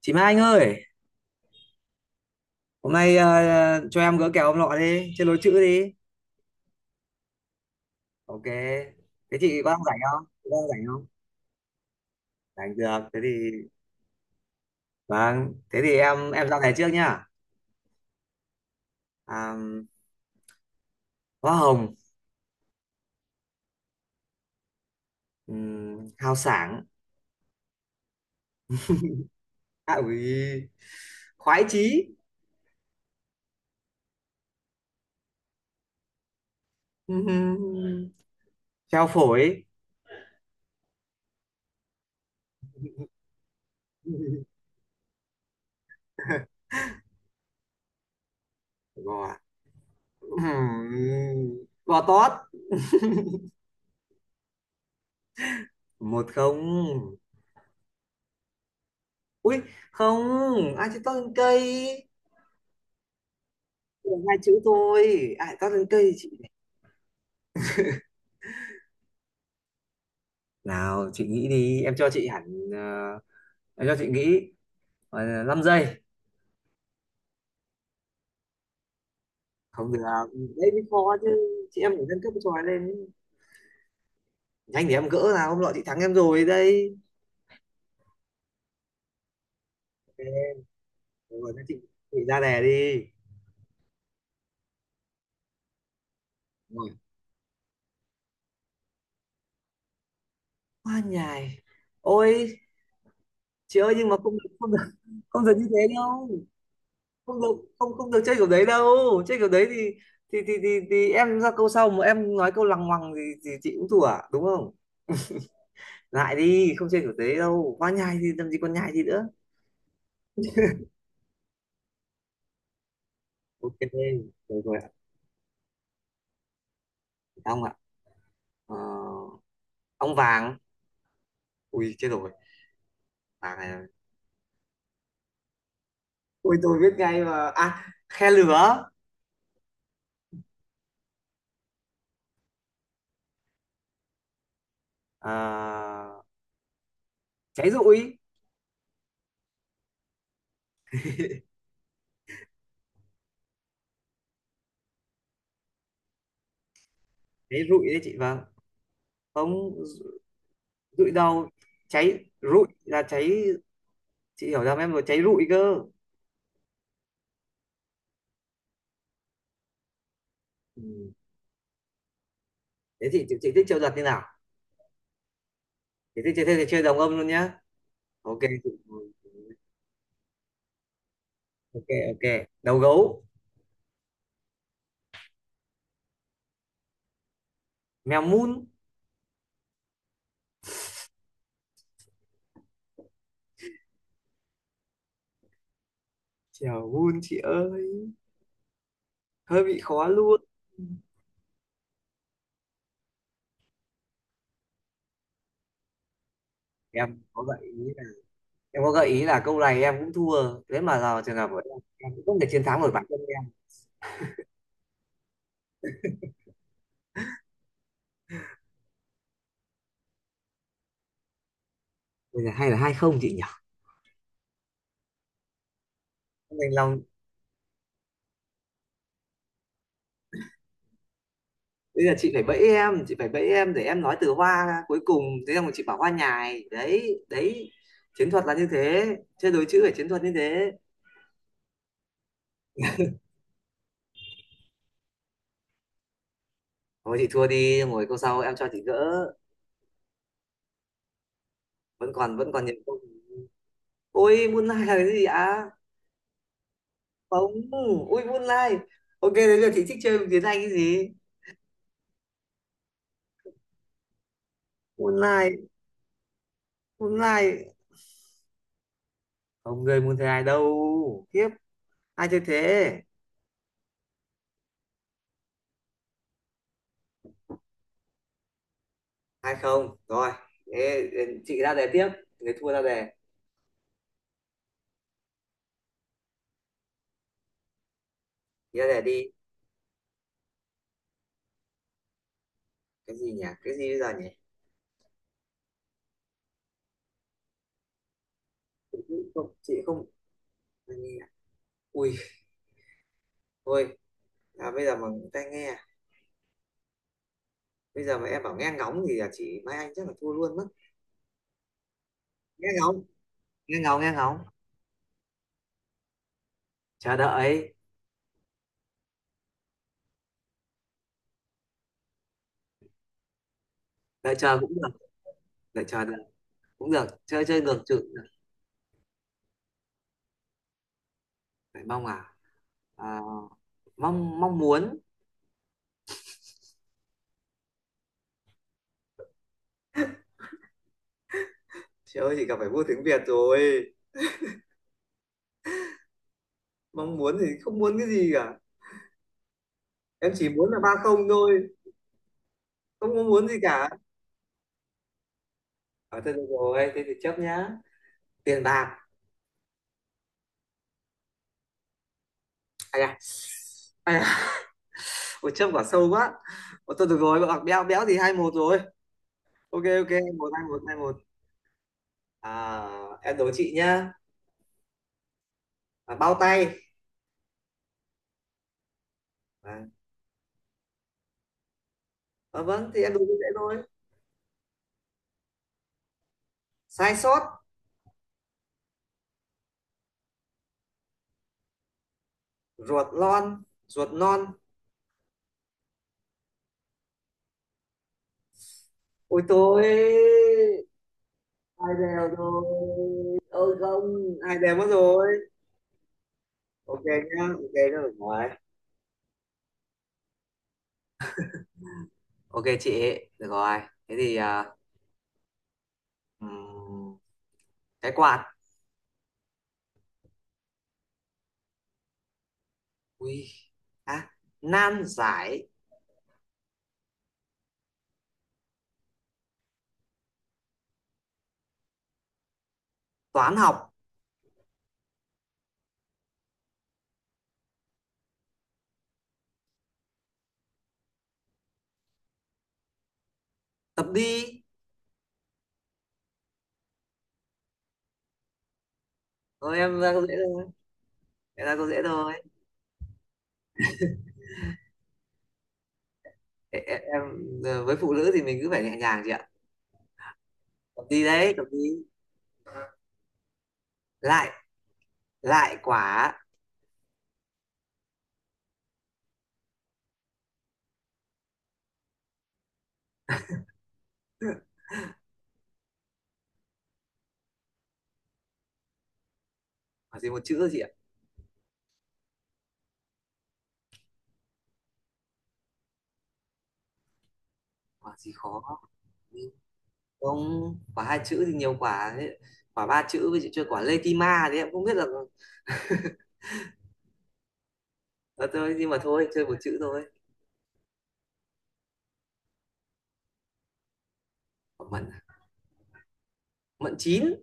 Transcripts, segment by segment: Chị Mai Anh ơi, hôm nay cho em gỡ kèo ông nọ đi, chơi lối chữ đi. Ok, thế chị có đang rảnh không? Chị có đang rảnh không? Rảnh được, thế thì vâng, thế thì em ra này trước nhá. À, Hoa Hồng, Hào Sảng, à, ui, Khoái Chí, um, Treo Phổi, gò, um, gò tót, một không, ui không, ai chơi tót lên cây, Chỉ hai chữ thôi ai toát lên cây chị này. Nào chị nghĩ đi em cho chị hẳn ờ, em cho chị nghĩ 5 giây không được đấy mới khó chứ chị em phải nâng cấp cái trò này lên nhanh thì em gỡ nào hôm nọ chị thắng em rồi đây. Ok, rồi thế chị ra đề đi. Rồi. Hoa nhài, ôi chị ơi nhưng mà không được không được, không được như thế đâu, không được, không không được chơi kiểu đấy đâu, chơi kiểu đấy thì em ra câu sau mà em nói câu lằng ngoằng thì chị cũng thua à? Đúng không, lại đi không chơi kiểu thế đâu, quá nhai thì làm gì còn nhai gì nữa. Ok, rồi rồi ạ. Ông ạ, ờ, ông vàng, ui chết rồi, vàng này, ui tôi biết ngay mà, à khe lửa. Ờ, cháy rụi, cháy rụi đấy chị, vâng, không, rụi đâu, cháy rụi là cháy, chị hiểu ra em rồi, cháy rụi cơ. Ừ. Thế chị thích chơi giật như nào, chị thích chơi thế thì chơi đồng âm luôn nhá. Ok ok, ok. Đầu gấu, mèo mun, chào buôn chị ơi, hơi bị khó luôn. Em có gợi ý là, em có gợi ý là câu này em cũng thua, thế mà vào trường hợp của em cũng không thể chiến thắng nổi bản thân em. Bây giờ hay là hai không chị nhỉ. Không đành lòng. Bây giờ chị phải bẫy em, chị phải bẫy em để em nói từ hoa ra cuối cùng, thế xong rồi chị bảo hoa nhài đấy đấy, chiến thuật là như thế, chơi đối chữ phải chiến thuật như thế. Thôi chị thua đi, ngồi câu sau em cho chị gỡ, vẫn còn nhiều câu. Ôi moonlight là cái gì ạ, không, ui moonlight, ok thế giờ chị thích chơi tiếng Anh cái gì. Moonlight, Moonlight, không người muốn thế ai đâu tiếp, ai chơi thế. Hai không rồi, thế chị ra đề tiếp, người thua ra đề, chị ra đề đi. Cái gì nhỉ, cái gì bây giờ nhỉ. Chị không, chị không. Ai nghe à? Ui, thôi, à, bây giờ mà tai nghe à? Bây giờ mà em bảo nghe ngóng thì là chị Mai Anh chắc là thua luôn mất. Nghe ngóng, nghe ngóng, nghe ngóng chờ đợi, đợi chờ cũng được, đợi chờ được, cũng được, chơi chơi ngược chữ cũng được. Phải mong à, mong mong muốn. Trời ơi, chị gặp phải vua tiếng Việt rồi. Mong muốn thì không muốn cái gì cả, em chỉ muốn là ba không thôi, không có muốn gì cả. À, thôi được rồi thế thì chấp nhá. Tiền bạc, ai à, ai à, một chấp quả sâu quá. Ủa, thôi được rồi bạc béo, béo thì hai một rồi. Ok, ok, một hai một hai một. À, em đố chị nhá. À, bao tay. À, vâng thì em đố dễ thôi. Sai sót, ruột non, ruột non, ôi tôi, hai đều rồi, ôi không, hai đều mất rồi. Ok nhá, ok, rồi. Ok chị, được rồi. Thế thì ừm, cái quạt. Ui. À, nan giải, toán học tập đi. Thôi em ra câu dễ thôi. Em ra câu dễ thôi. Ê, Em, với phụ nữ thì mình cứ phải nhẹ nhàng chị ạ. Tập đi đấy, tập đi. Lại, lại quả. Quả gì một chữ chị ạ? Quả gì khó? Không, quả hai chữ thì nhiều quả. Quả ba chữ với chị chơi quả lê kim ma đấy em không biết là. Ờ, thôi nhưng mà thôi chơi một chữ thôi. Quả mận, à? Mận chín.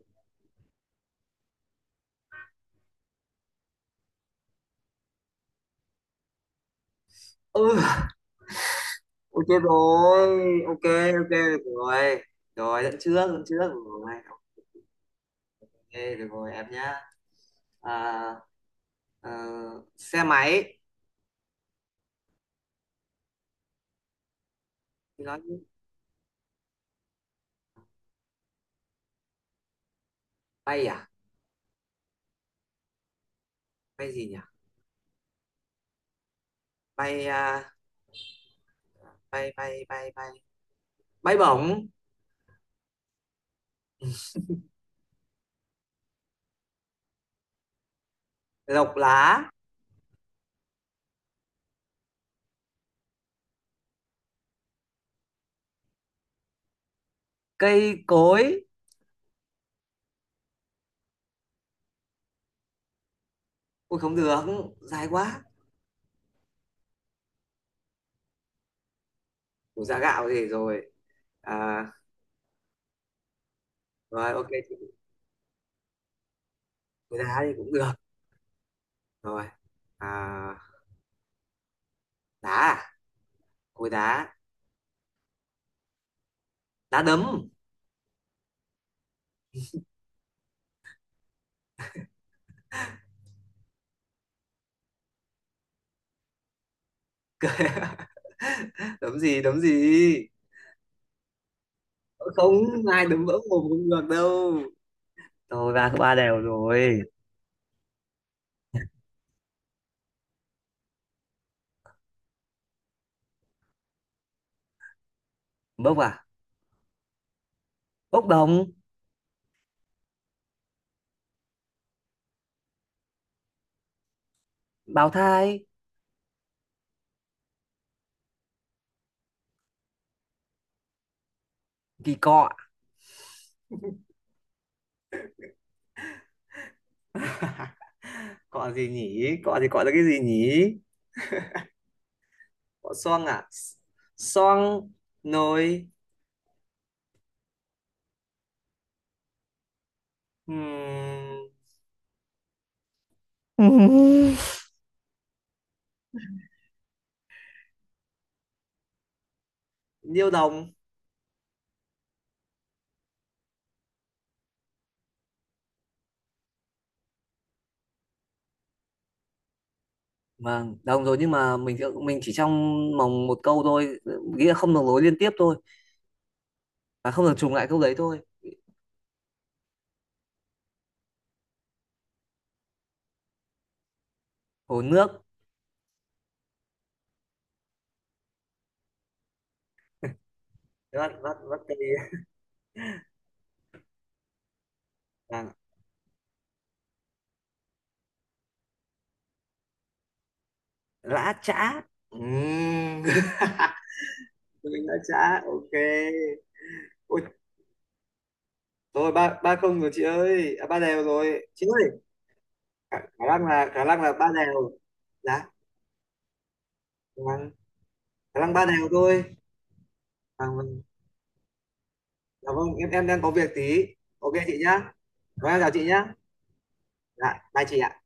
Ừ. Ôi chết rồi, ok, ok, được rồi. Rồi, dẫn trước, được rồi. Ok, được rồi, em nhá. À, ờ, xe máy, thì nói chứ. Bay à? Bay gì nhỉ? Bay, à, bay, bay, bay, bay. Bay bổng, lộc lá, cây cối. Ôi không được, dài quá. Ủa dạ gạo gì rồi. À, rồi, ok, cối đá thì cũng được. Rồi, à, đá à? Cối đá, đá đấm. Đấm gì, đấm gì? Không, ai đứng vỡ một cũng được đâu, thôi ba ba đều rồi. Bốc à, bốc đồng, bào thai, kỳ cọ. Cọ gì nhỉ, cọ thì cọ là cái gì nhỉ. Cọ xoong à, xoong nồi. ừm, niêu đồng. Vâng đồng rồi nhưng mà mình chỉ trong vòng một câu thôi, nghĩa là không được nối liên tiếp thôi, và không được trùng lại câu đấy thôi. Hồ nước, vắt vắt vắt tay. Vâng, lã chã. Ừm. Mình lã chã ok. Ui, rồi ba ba không rồi chị ơi, à, ba đều rồi chị ơi. Khả năng là ba đều. Dạ. Dạ vâng, khả năng ba đều thôi. À, vâng. Dạ vâng em đang có việc tí, ok chị nhá, rồi em chào chị nhá. Dạ, bye chị ạ.